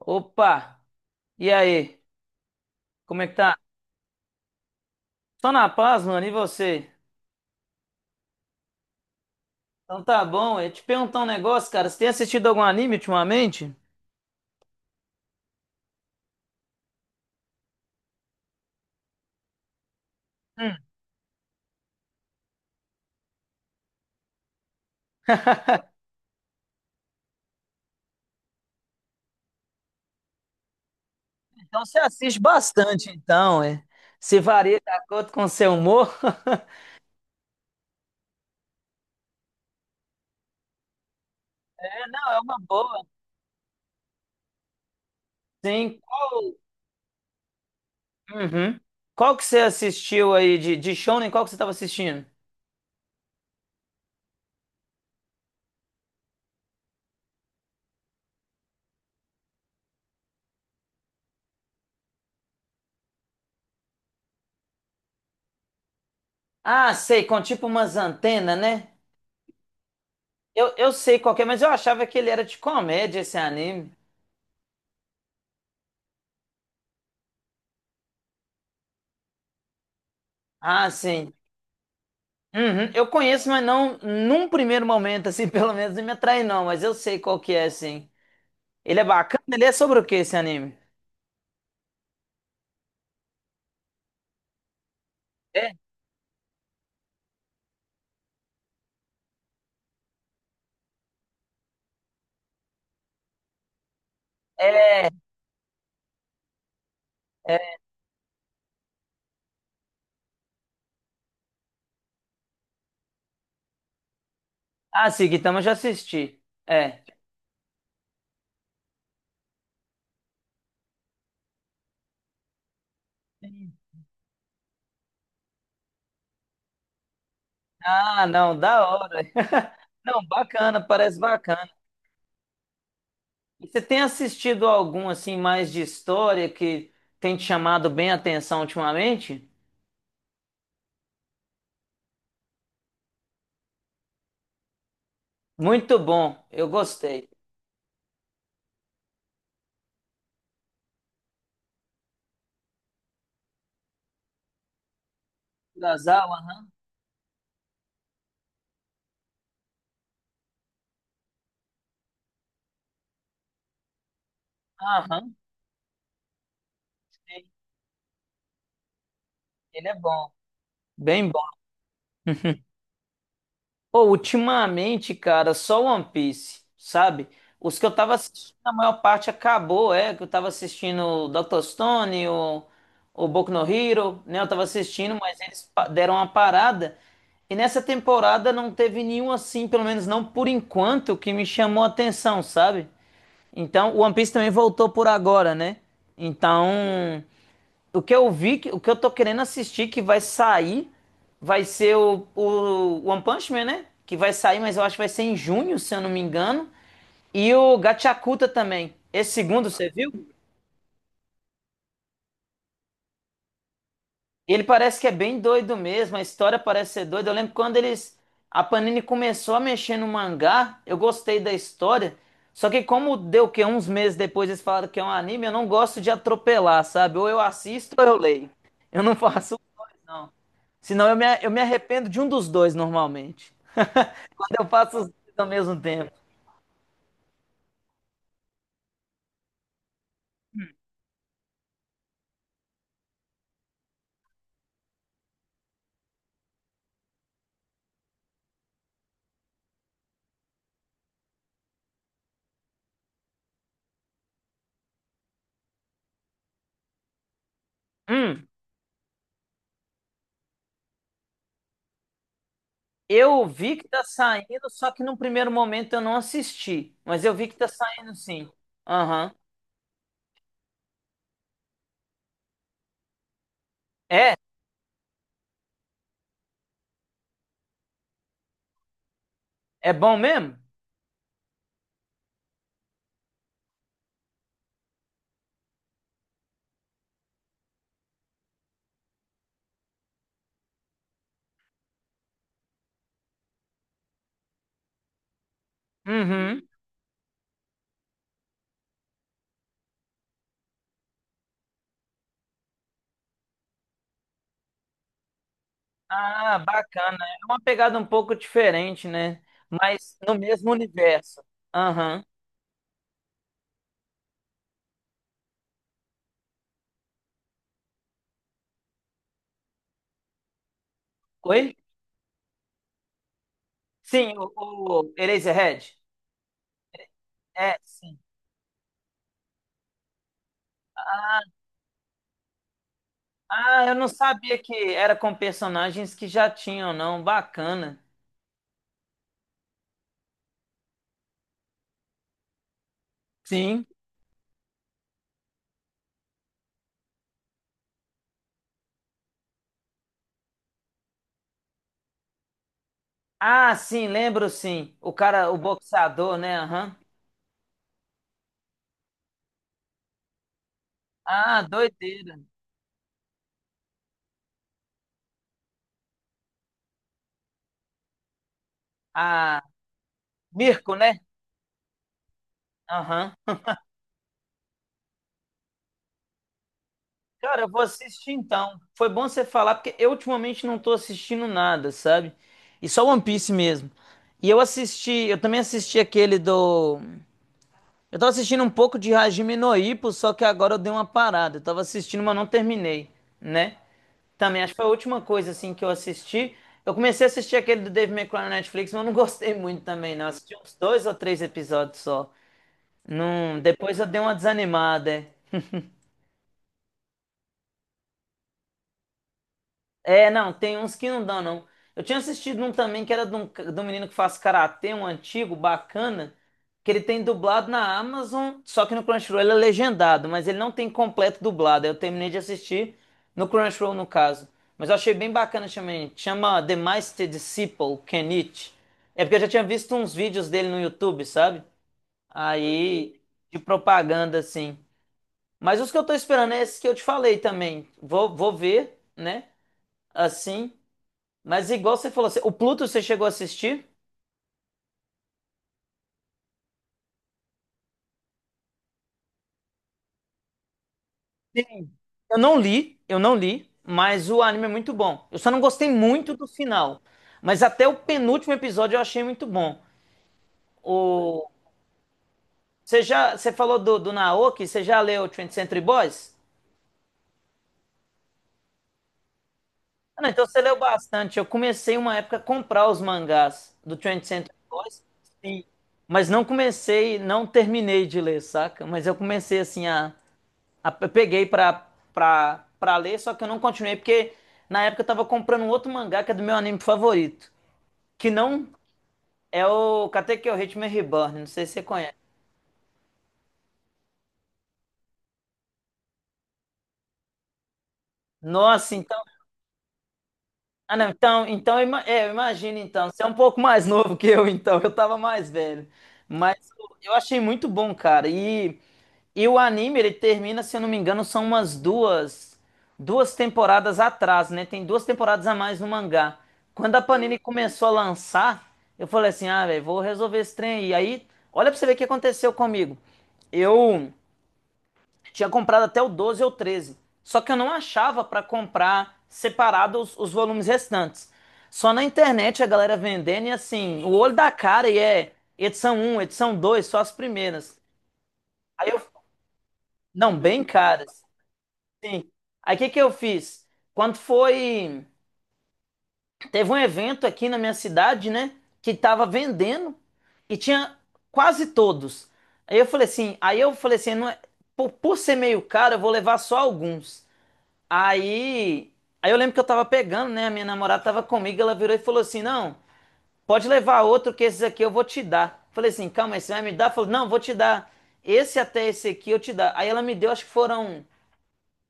Opa! E aí? Como é que tá? Só na paz, mano. E você? Então tá bom. Eu ia te perguntar um negócio, cara. Você tem assistido algum anime ultimamente? Hum, então você assiste bastante, então, é. Se varia de acordo com o seu humor. É, não, é uma boa. Sim. Uhum. Qual que você assistiu aí de Shonen? Qual que você tava assistindo? Ah, sei, com tipo umas antenas, né? Eu sei qual que é, mas eu achava que ele era de comédia, esse anime. Ah, sim. Uhum. Eu conheço, mas não num primeiro momento, assim, pelo menos não me atrai, não, mas eu sei qual que é, sim. Ele é bacana, ele é sobre o que esse anime? É, é. É. Ah, sim. Gintama eu já assisti. É. Ah, não, da hora. Não, bacana, parece bacana. E você tem assistido algum, assim, mais de história que tem te chamado bem a atenção ultimamente? Muito bom, eu gostei. Kurosawa, aham, aham, sim, ele é bom. Bem. Pô, ultimamente, cara, só One Piece, sabe? Os que eu tava assistindo, a maior parte acabou, é, que eu tava assistindo o Dr. Stone, o Boku no Hero, né? Eu tava assistindo, mas eles deram uma parada. E nessa temporada não teve nenhum assim, pelo menos não por enquanto, que me chamou a atenção, sabe? Então, o One Piece também voltou por agora, né? Então, o que eu vi, o que eu tô querendo assistir que vai sair vai ser o One Punch Man, né? Que vai sair, mas eu acho que vai ser em junho, se eu não me engano. E o Gachakuta também. Esse segundo, você viu? Ele parece que é bem doido mesmo, a história parece ser doida. Eu lembro quando eles. A Panini começou a mexer no mangá, eu gostei da história. Só que como deu o quê? Uns meses depois eles falaram que é um anime, eu não gosto de atropelar, sabe? Ou eu assisto ou eu leio. Eu não faço os dois, não. Senão eu me arrependo de um dos dois normalmente. Quando eu faço os dois ao mesmo tempo. Hum, eu vi que tá saindo, só que num primeiro momento eu não assisti. Mas eu vi que tá saindo sim. Aham. É? É bom mesmo? Uhum. Ah, bacana. É uma pegada um pouco diferente, né? Mas no mesmo universo. Aham. Oi? Sim, o Eraserhead? É, sim. Ah, eu não sabia que era com personagens que já tinham, não. Bacana. Sim. Ah, sim, lembro sim. O cara, o boxeador, né? Aham. Ah, doideira. Ah, Mirko, né? Aham. Cara, eu vou assistir então. Foi bom você falar, porque eu ultimamente não tô assistindo nada, sabe? E só One Piece mesmo. E eu assisti, eu também assisti aquele do. Eu tava assistindo um pouco de Hajime no Ippo, só que agora eu dei uma parada. Eu tava assistindo, mas não terminei, né? Também acho que foi a última coisa assim que eu assisti. Eu comecei a assistir aquele do Dave McCray na Netflix, mas eu não gostei muito também, não. Eu assisti uns dois ou três episódios só. Não, depois eu dei uma desanimada. É. É, não, tem uns que não dão, não. Eu tinha assistido um também que era de um menino que faz karatê, um antigo, bacana, que ele tem dublado na Amazon, só que no Crunchyroll ele é legendado, mas ele não tem completo dublado. Aí eu terminei de assistir no Crunchyroll, no caso. Mas eu achei bem bacana também. Chama The Master Disciple Kenichi. É porque eu já tinha visto uns vídeos dele no YouTube, sabe? Aí, de propaganda, assim. Mas os que eu tô esperando é esses que eu te falei também. Vou ver, né? Assim. Mas igual você falou, o Pluto você chegou a assistir? Sim. Eu não li, mas o anime é muito bom. Eu só não gostei muito do final, mas até o penúltimo episódio eu achei muito bom. O Você já você falou do Naoki, você já leu 20th Century Boys? Ah, não, então você leu bastante. Eu comecei uma época a comprar os mangás do 20th Century Boys, sim, mas não comecei, não terminei de ler, saca? Mas eu comecei assim Eu peguei pra ler, só que eu não continuei, porque na época eu tava comprando um outro mangá que é do meu anime favorito. Que não é o Katekyo Hitman Reborn, não sei se você conhece. Nossa, então. Ah, não, então eu imagino então. Você é um pouco mais novo que eu, então. Eu tava mais velho. Mas eu achei muito bom, cara. E o anime, ele termina, se eu não me engano, são umas duas temporadas atrás, né? Tem duas temporadas a mais no mangá. Quando a Panini começou a lançar, eu falei assim, ah, velho, vou resolver esse trem aí. E aí, olha pra você ver o que aconteceu comigo. Eu tinha comprado até o 12 ou 13, só que eu não achava pra comprar separado os volumes restantes. Só na internet a galera vendendo e assim, o olho da cara e é edição um, edição 2, só as primeiras. Aí eu, não, bem caras. Sim. Aí o que que eu fiz? Quando foi, teve um evento aqui na minha cidade, né, que tava vendendo e tinha quase todos. Aí eu falei assim, não é, por ser meio caro, eu vou levar só alguns. Aí, aí eu lembro que eu tava pegando, né, a minha namorada tava comigo, ela virou e falou assim: "Não, pode levar outro que esses aqui eu vou te dar". Falei assim: "Calma, aí, você vai me dar?". Falou: "Não, vou te dar. Esse até esse aqui eu te dar". Aí ela me deu, acho que foram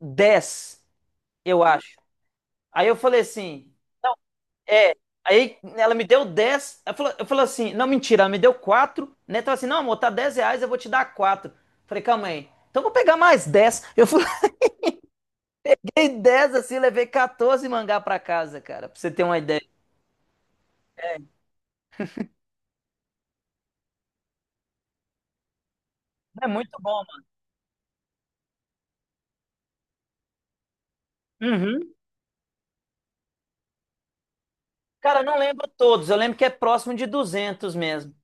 10 eu acho. Aí eu falei assim, é. Aí ela me deu 10. Eu falei assim, não, mentira, ela me deu 4. Né? Então assim, não, amor, tá 10 reais, eu vou te dar 4. Falei, calma aí. Então eu vou pegar mais 10. Eu fui, peguei 10 assim, levei 14 mangá pra casa, cara, pra você ter uma ideia. É muito bom, mano. Uhum. Cara, eu não lembro todos, eu lembro que é próximo de 200 mesmo.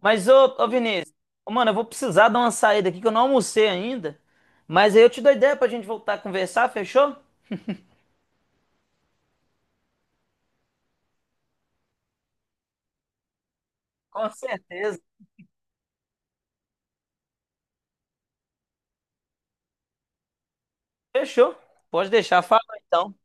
Mas, ô, Vinícius, ô, mano, eu vou precisar dar uma saída aqui que eu não almocei ainda. Mas aí eu te dou ideia pra gente voltar a conversar, fechou? Com certeza. Fechou. Pode deixar. Fala então.